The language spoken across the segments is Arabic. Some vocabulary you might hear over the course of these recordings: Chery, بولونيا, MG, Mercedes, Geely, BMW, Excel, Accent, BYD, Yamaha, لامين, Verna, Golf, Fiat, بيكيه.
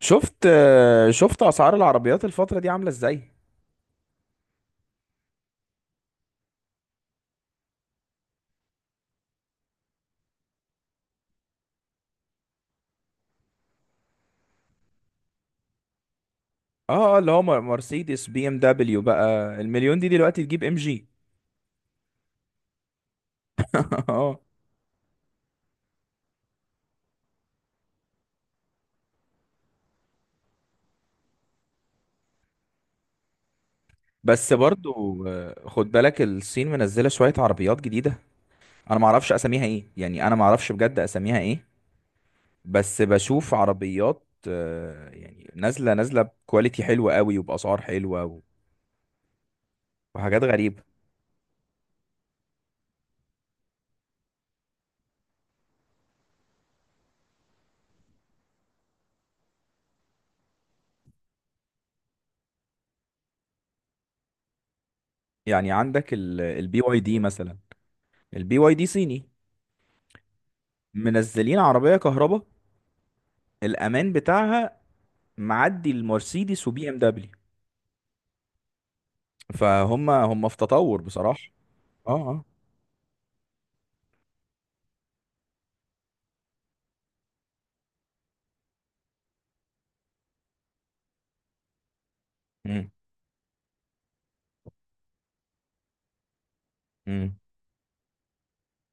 شفت اسعار العربيات الفتره دي عامله ازاي؟ اللي هو مرسيدس بي ام دبليو، بقى المليون دي دلوقتي تجيب ام جي. اه. بس برضو خد بالك الصين منزله شويه عربيات جديده. انا ما اعرفش اساميها ايه، يعني انا ما اعرفش بجد اساميها ايه. بس بشوف عربيات يعني نازله نازله بكواليتي حلوه قوي وباسعار حلوه وحاجات غريبه. يعني عندك البي واي دي مثلا. البي واي دي صيني، منزلين عربيه كهرباء، الامان بتاعها معدي المرسيدس وبي ام دبليو، فهم في تطور بصراحة. اه اه. امم امم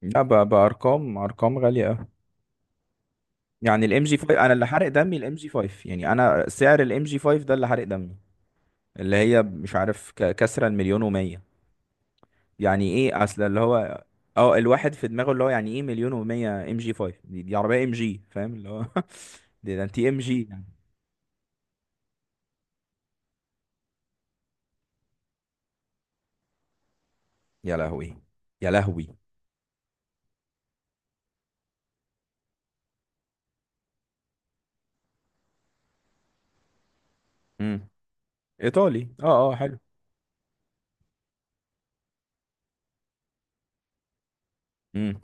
لا، بأرقام، أرقام غالية أوي. يعني الام جي 5 انا اللي حرق دمي، الام جي 5، يعني انا سعر الام جي 5 ده اللي حرق دمي. اللي هي مش عارف كسره المليون ومية. يعني ايه اصل اللي هو اه الواحد في دماغه، اللي هو يعني ايه مليون ومية؟ ام جي 5 دي عربيه ام جي، فاهم اللي هو؟ ده انت ام جي يعني. يا لهوي، يا لهوي. امم ايطالي، اه اه، حلو. امم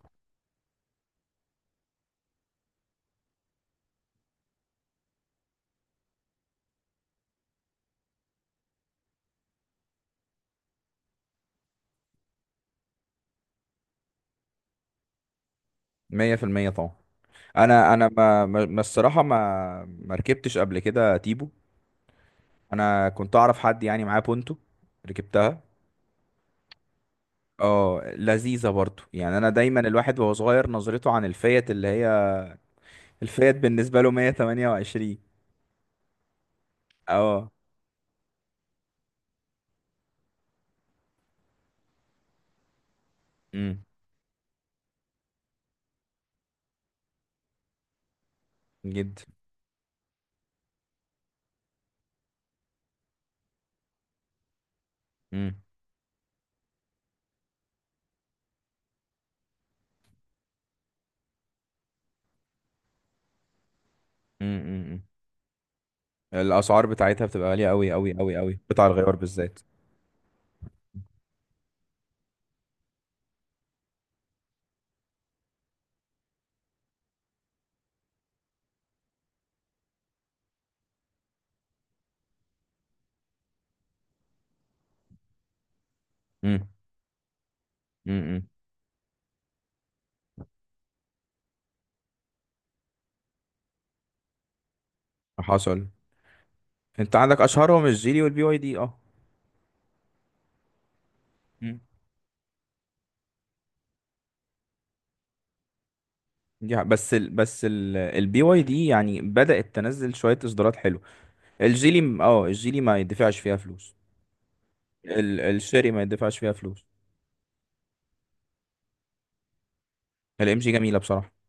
100% طبعا. انا ما الصراحه ما ركبتش قبل كده تيبو. انا كنت اعرف حد يعني معاه بونتو، ركبتها. اه، لذيذه برضو. يعني انا دايما الواحد وهو صغير نظرته عن الفيات اللي هي، الفيات بالنسبه له 128. اه، امم جد. امم امم امم، امم. الاسعار بتاعتها بتبقى غاليه قوي قوي قوي قوي، قطع الغيار بالذات. امم امم امم. حصل. انت عندك اشهرهم الجيلي والبي واي دي، اه. امم. يا بس ال بس ال البي واي دي يعني بدأت تنزل شوية اصدارات حلوة. الجيلي الجيلي ما يدفعش فيها فلوس، الشيري ما يدفعش فيها فلوس. الام جي جميلة بصراحة.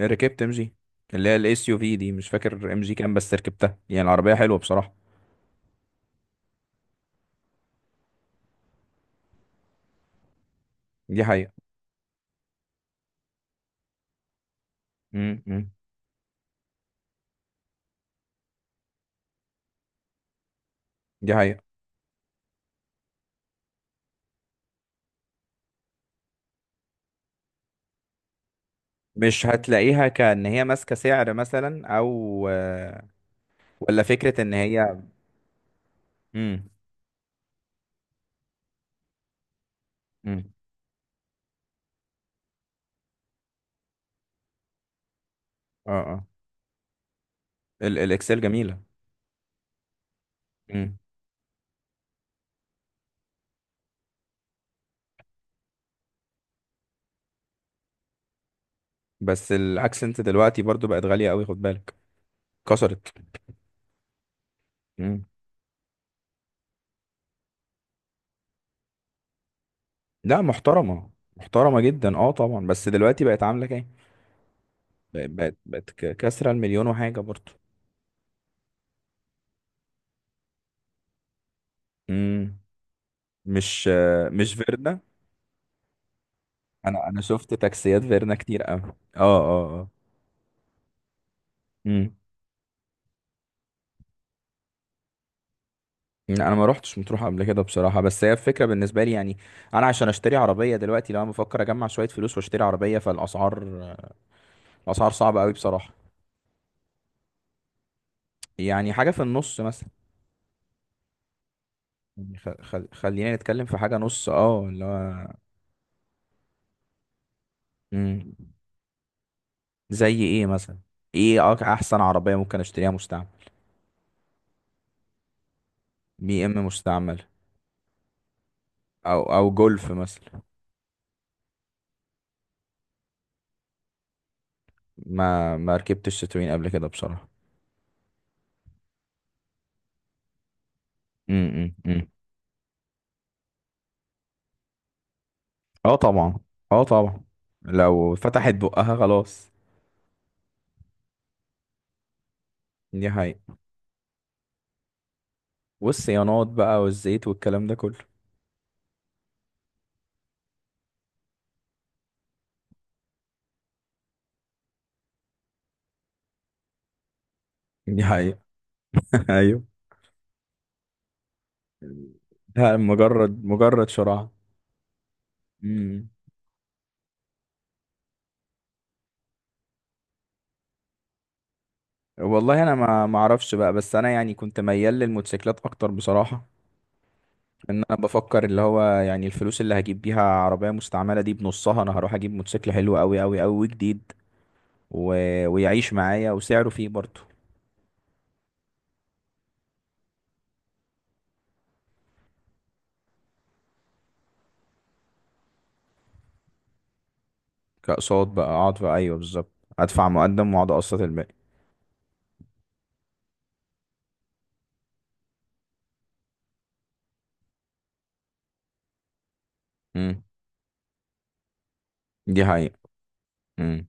ركبت ام جي، اللي هي الاس يو في دي، مش فاكر ام جي كام بس ركبتها، يعني العربية حلوة بصراحة. دي حقيقة. م- م. دي حقيقة. مش هتلاقيها، كأن هي ماسكة سعر مثلا، او آه، ولا فكرة ان هي. امم امم اه اه. الاكسل جميلة. امم. بس الاكسنت دلوقتي برضو بقت غالية قوي، خد بالك، كسرت. مم. لا محترمة، محترمة جدا، اه طبعا. بس دلوقتي بقت عاملة كام؟ بقت كسرة المليون وحاجة برضو. مم. مش فيرنا؟ انا شفت تاكسيات فيرنا كتير قوي. اه اه اه. مم. لا، انا ما روحتش مطروح قبل كده بصراحة، بس هي الفكرة بالنسبة لي. يعني انا عشان اشتري عربية دلوقتي، لو انا بفكر اجمع شوية فلوس واشتري عربية، الاسعار صعبة قوي بصراحة. يعني حاجة في النص مثلا. يعني خلينا نتكلم في حاجة نص، اه اللي هو. مم. زي ايه مثلا؟ ايه احسن عربية ممكن اشتريها مستعمل؟ بي ام مستعمل، او جولف مثلا. ما ركبتش تتوين قبل كده بصراحة. امم، امم. اه طبعا، اه طبعا، لو فتحت بقها خلاص. دي حقيقة. والصيانات بقى والزيت والكلام ده كله. دي حقيقة. ايوه. ده مجرد شراع. امم. والله انا ما اعرفش بقى، بس انا يعني كنت ميال للموتوسيكلات اكتر بصراحة. ان انا بفكر اللي هو، يعني الفلوس اللي هجيب بيها عربية مستعملة دي بنصها انا هروح اجيب موتوسيكل حلو قوي قوي قوي وجديد و... ويعيش معايا وسعره فيه برضه. كأقساط بقى، اقعد بقى، ايوه بالظبط، ادفع مقدم واقعد اقسط الباقي. امم. دي حقيقة. امم.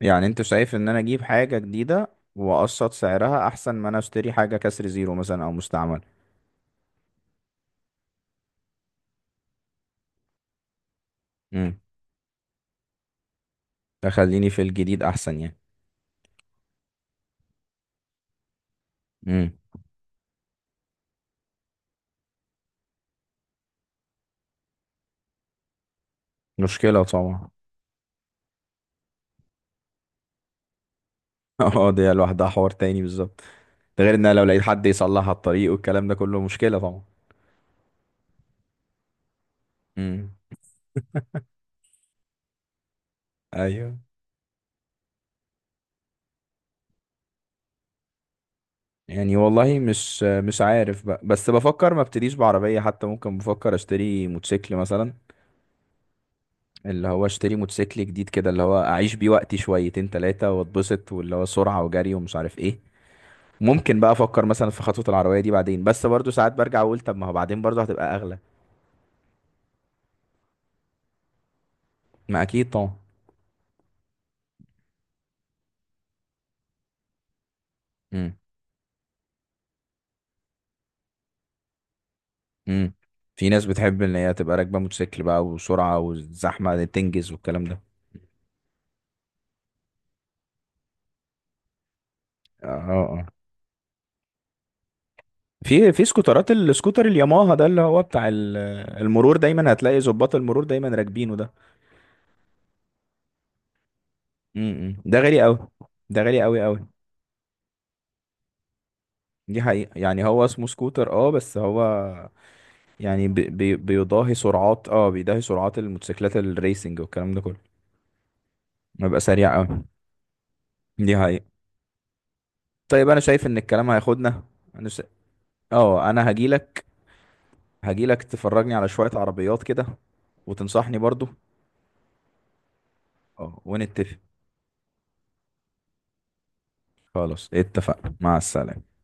يعني انت شايف ان انا اجيب حاجة جديدة واقسط سعرها احسن ما انا اشتري حاجة كسر زيرو مثلا او مستعمل. امم. تخليني في الجديد احسن يعني. امم. مشكلة طبعا. اه، دي لوحدها حوار تاني بالظبط. ده غير ان أنا لو لقيت حد يصلح الطريق والكلام ده كله، مشكلة طبعا. امم. ايوه. يعني والله مش عارف بقى، بس بفكر ما ابتديش بعربية حتى، ممكن بفكر اشتري موتوسيكل مثلا. اللي هو اشتري موتوسيكل جديد كده، اللي هو اعيش بيه وقتي شويتين تلاتة واتبسط، واللي هو سرعة وجري ومش عارف ايه. ممكن بقى افكر مثلا في خطوة العربية دي بعدين، بس برضو ساعات برجع اقول طب ما هو بعدين برضو هتبقى اغلى. ما اكيد طبعا. امم، امم. في ناس بتحب ان هي تبقى راكبة موتوسيكل بقى، وسرعة والزحمة تنجز والكلام ده. اه اه. في سكوترات، السكوتر الياماها ده اللي هو بتاع المرور، دايما هتلاقي ظباط المرور دايما راكبينه ده. امم، ده غالي قوي، ده غالي قوي قوي. دي حقيقة، يعني هو اسمه سكوتر اه، بس هو يعني بي بي بيضاهي سرعات، بيضاهي سرعات الموتوسيكلات الريسنج والكلام ده كله، بيبقى سريع قوي. دي حقيقة. طيب انا شايف ان الكلام هياخدنا. انا س... اه انا هجيلك، هجيلك تفرجني على شوية عربيات كده وتنصحني برضو، اه ونتفق. خلاص اتفقنا، مع السلامة.